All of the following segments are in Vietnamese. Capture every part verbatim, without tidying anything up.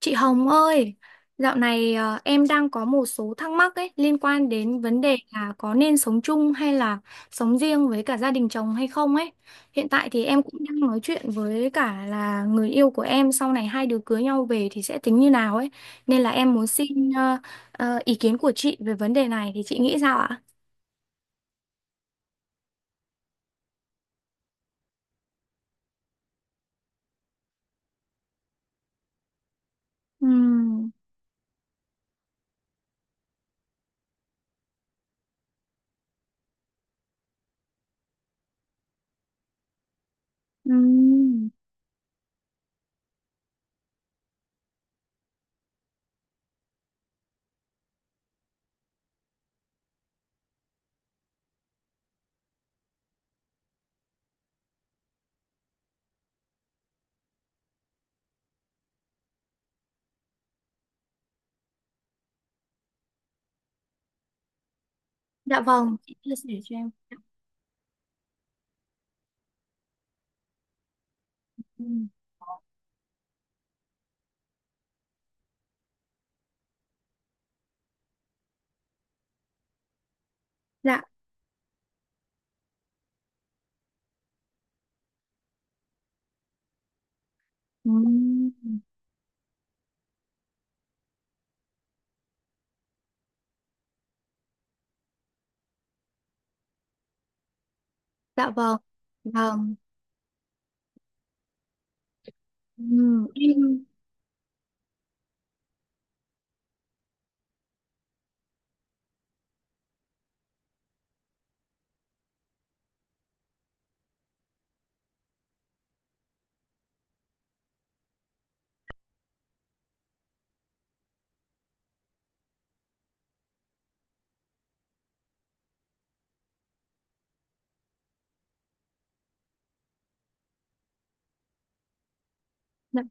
Chị Hồng ơi, dạo này ờ, em đang có một số thắc mắc ấy liên quan đến vấn đề là có nên sống chung hay là sống riêng với cả gia đình chồng hay không ấy. Hiện tại thì em cũng đang nói chuyện với cả là người yêu của em sau này hai đứa cưới nhau về thì sẽ tính như nào ấy. Nên là em muốn xin ờ, ờ, ý kiến của chị về vấn đề này thì chị nghĩ sao ạ? Ừm, ừm. Dạ vâng. Chị chia sẻ cho em. Ừm. Dạ. Ừm. Dạ vâng. Vâng. Ừm, em. Dạ,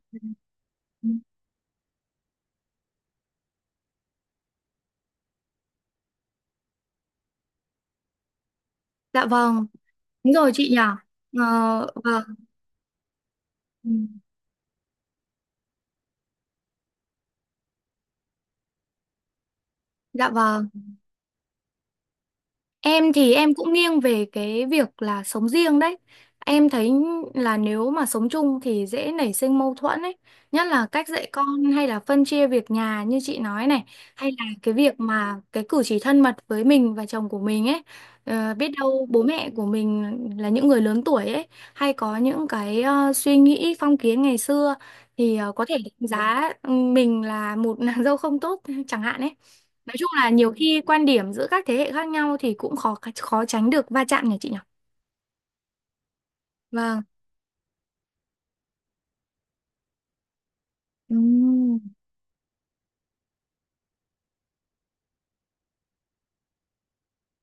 dạ vâng, đúng rồi chị nhỉ. Ờ, vâng. Ừ. Dạ vâng. Em thì em cũng nghiêng về cái việc là sống riêng đấy. Em thấy là nếu mà sống chung thì dễ nảy sinh mâu thuẫn ấy, nhất là cách dạy con hay là phân chia việc nhà như chị nói này, hay là cái việc mà cái cử chỉ thân mật với mình và chồng của mình ấy. Ờ, biết đâu bố mẹ của mình là những người lớn tuổi ấy, hay có những cái ờ, suy nghĩ phong kiến ngày xưa thì ờ, có thể đánh giá ừ, mình là một nàng dâu không tốt chẳng hạn ấy. Nói chung là nhiều khi quan điểm giữa các thế hệ khác nhau thì cũng khó khó tránh được va chạm nhỉ chị nhỉ? Vâng. Ừm,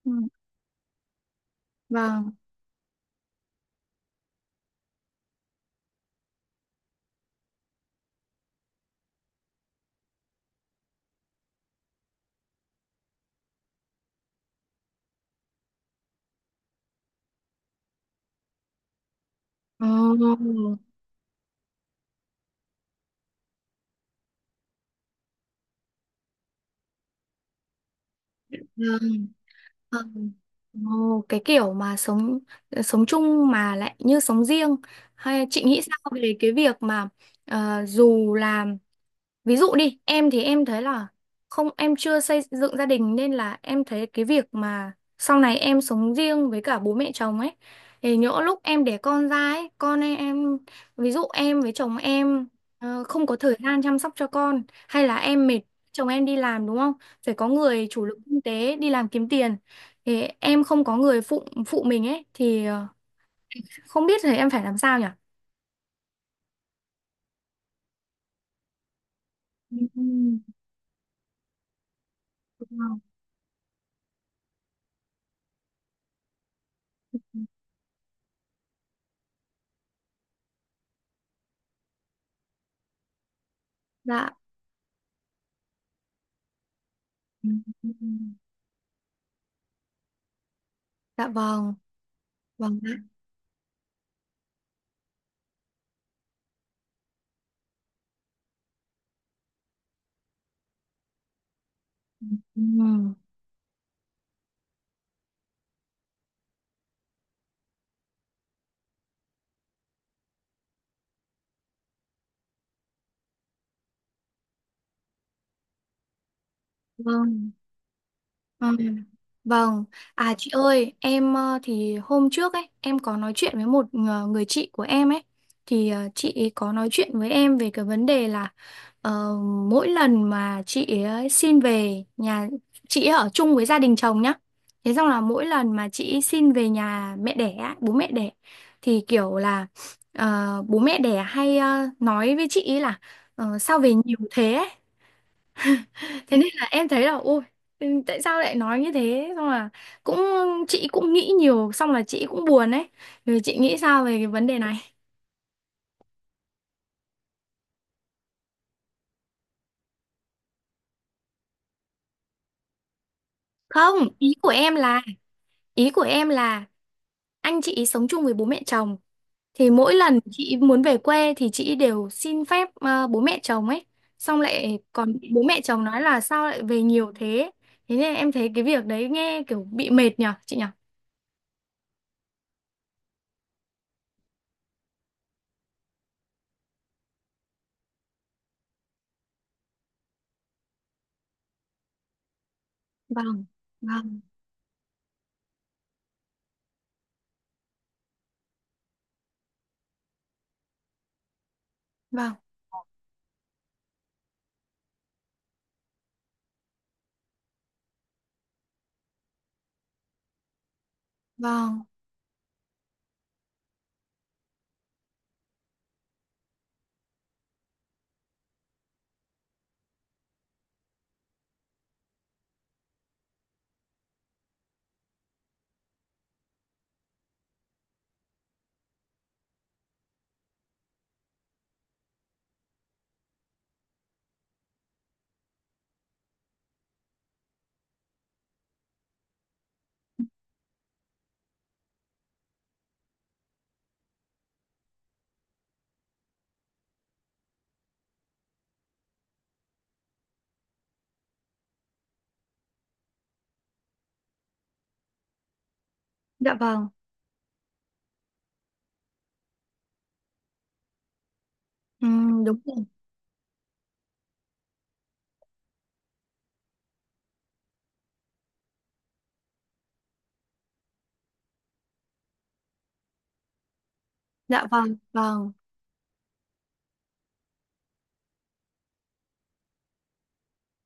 ừm. Vâng. Ồ. Vâng. Vâng. Ồ, cái kiểu mà sống sống chung mà lại như sống riêng hay chị nghĩ sao về cái việc mà ờ, dù là. Ví dụ đi, em thì em thấy là không em chưa xây dựng gia đình nên là em thấy cái việc mà sau này em sống riêng với cả bố mẹ chồng ấy thì nhỡ lúc em đẻ con ra ấy, con em ví dụ em với chồng em ờ, không có thời gian chăm sóc cho con hay là em mệt, chồng em đi làm đúng không? Phải có người chủ lực kinh tế đi làm kiếm tiền thì em không có người phụ phụ mình ấy thì ờ, không biết thì em phải làm sao nhỉ? Ừ, đúng rồi. Dạ. Ừ, ừ, ừ. Dạ vâng. Vâng ạ. Ừ. Vâng. Vâng. Vâng. À chị ơi, em ờ, thì hôm trước ấy, em có nói chuyện với một ờ, người chị của em ấy thì ờ, chị ấy có nói chuyện với em về cái vấn đề là ờ, mỗi lần mà chị ấy xin về nhà, chị ấy ở chung với gia đình chồng nhá. Thế xong là mỗi lần mà chị ấy xin về nhà mẹ đẻ, á, bố mẹ đẻ thì kiểu là ờ, bố mẹ đẻ hay ờ, nói với chị ấy là ờ, sao về nhiều thế ấy? Thế nên là em thấy là ôi, ừ, tại sao lại nói như thế, xong là cũng, chị cũng nghĩ nhiều xong là chị cũng buồn ấy, rồi chị nghĩ sao về cái vấn đề này. Không, ý của em là, ý của em là anh chị sống chung với bố mẹ chồng thì mỗi lần chị muốn về quê thì chị đều xin phép ờ, bố mẹ chồng ấy, xong lại còn bị bố mẹ chồng nói là sao lại về nhiều thế, thế nên em thấy cái việc đấy nghe kiểu bị mệt nhở chị nhở. Vâng, vâng, vâng, vâng, dạ vâng, ừ, đúng rồi. Dạ vâng, vâng,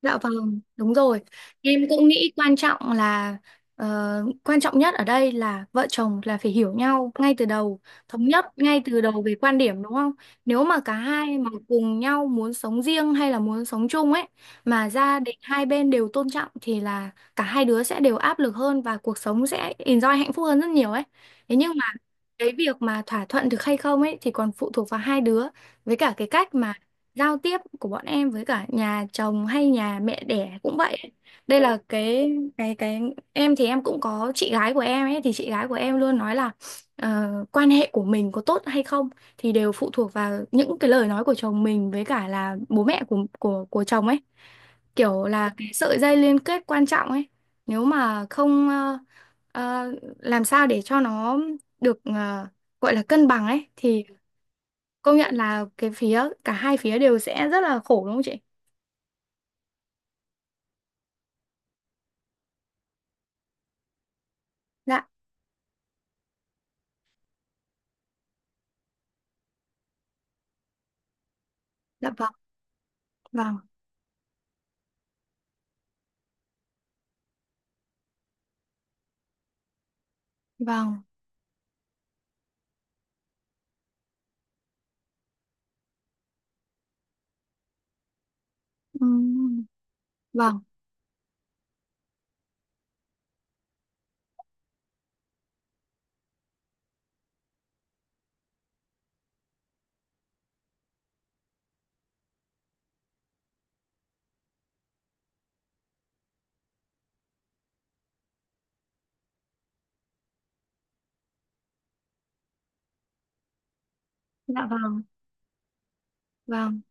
dạ vâng, đúng rồi. Em cũng nghĩ quan trọng là ờ, quan trọng nhất ở đây là vợ chồng là phải hiểu nhau ngay từ đầu, thống nhất ngay từ đầu về quan điểm đúng không? Nếu mà cả hai mà cùng nhau muốn sống riêng hay là muốn sống chung ấy mà gia đình hai bên đều tôn trọng thì là cả hai đứa sẽ đều áp lực hơn và cuộc sống sẽ enjoy hạnh phúc hơn rất nhiều ấy. Thế nhưng mà cái việc mà thỏa thuận được hay không ấy thì còn phụ thuộc vào hai đứa với cả cái cách mà giao tiếp của bọn em với cả nhà chồng hay nhà mẹ đẻ cũng vậy. Đây là cái cái cái, em thì em cũng có chị gái của em ấy thì chị gái của em luôn nói là ờ, quan hệ của mình có tốt hay không thì đều phụ thuộc vào những cái lời nói của chồng mình với cả là bố mẹ của của của chồng ấy, kiểu là cái sợi dây liên kết quan trọng ấy. Nếu mà không ờ, ờ, làm sao để cho nó được ờ, gọi là cân bằng ấy thì công nhận là cái phía cả hai phía đều sẽ rất là khổ đúng không chị? Dạ, dạ vâng, vâng, vâng, ừm, vâng, dạ vâng, vâng,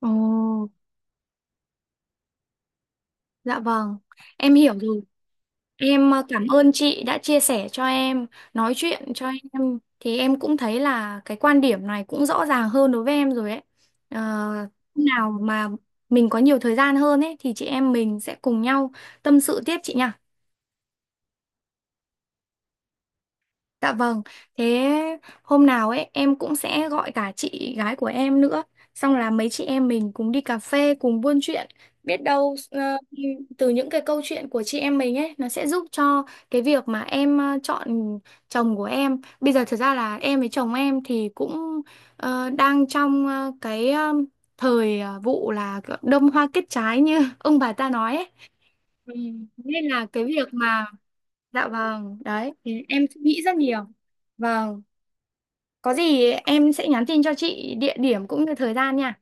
ồ, dạ vâng, em hiểu rồi. Em ờ, cảm ơn chị đã chia sẻ cho em, nói chuyện cho em, thì em cũng thấy là cái quan điểm này cũng rõ ràng hơn đối với em rồi ấy. Ờ, hôm nào mà mình có nhiều thời gian hơn ấy thì chị em mình sẽ cùng nhau tâm sự tiếp chị nhỉ? Dạ vâng, thế hôm nào ấy em cũng sẽ gọi cả chị gái của em nữa, xong là mấy chị em mình cùng đi cà phê, cùng buôn chuyện, biết đâu ờ, từ những cái câu chuyện của chị em mình ấy nó sẽ giúp cho cái việc mà em ờ, chọn chồng của em. Bây giờ thật ra là em với chồng em thì cũng ờ, đang trong ờ, cái ờ, thời ờ, vụ là đâm hoa kết trái như ông bà ta nói ấy. Ừ, nên là cái việc mà, dạ vâng, đấy, thì em suy nghĩ rất nhiều. Vâng, có gì em sẽ nhắn tin cho chị địa điểm cũng như thời gian nha.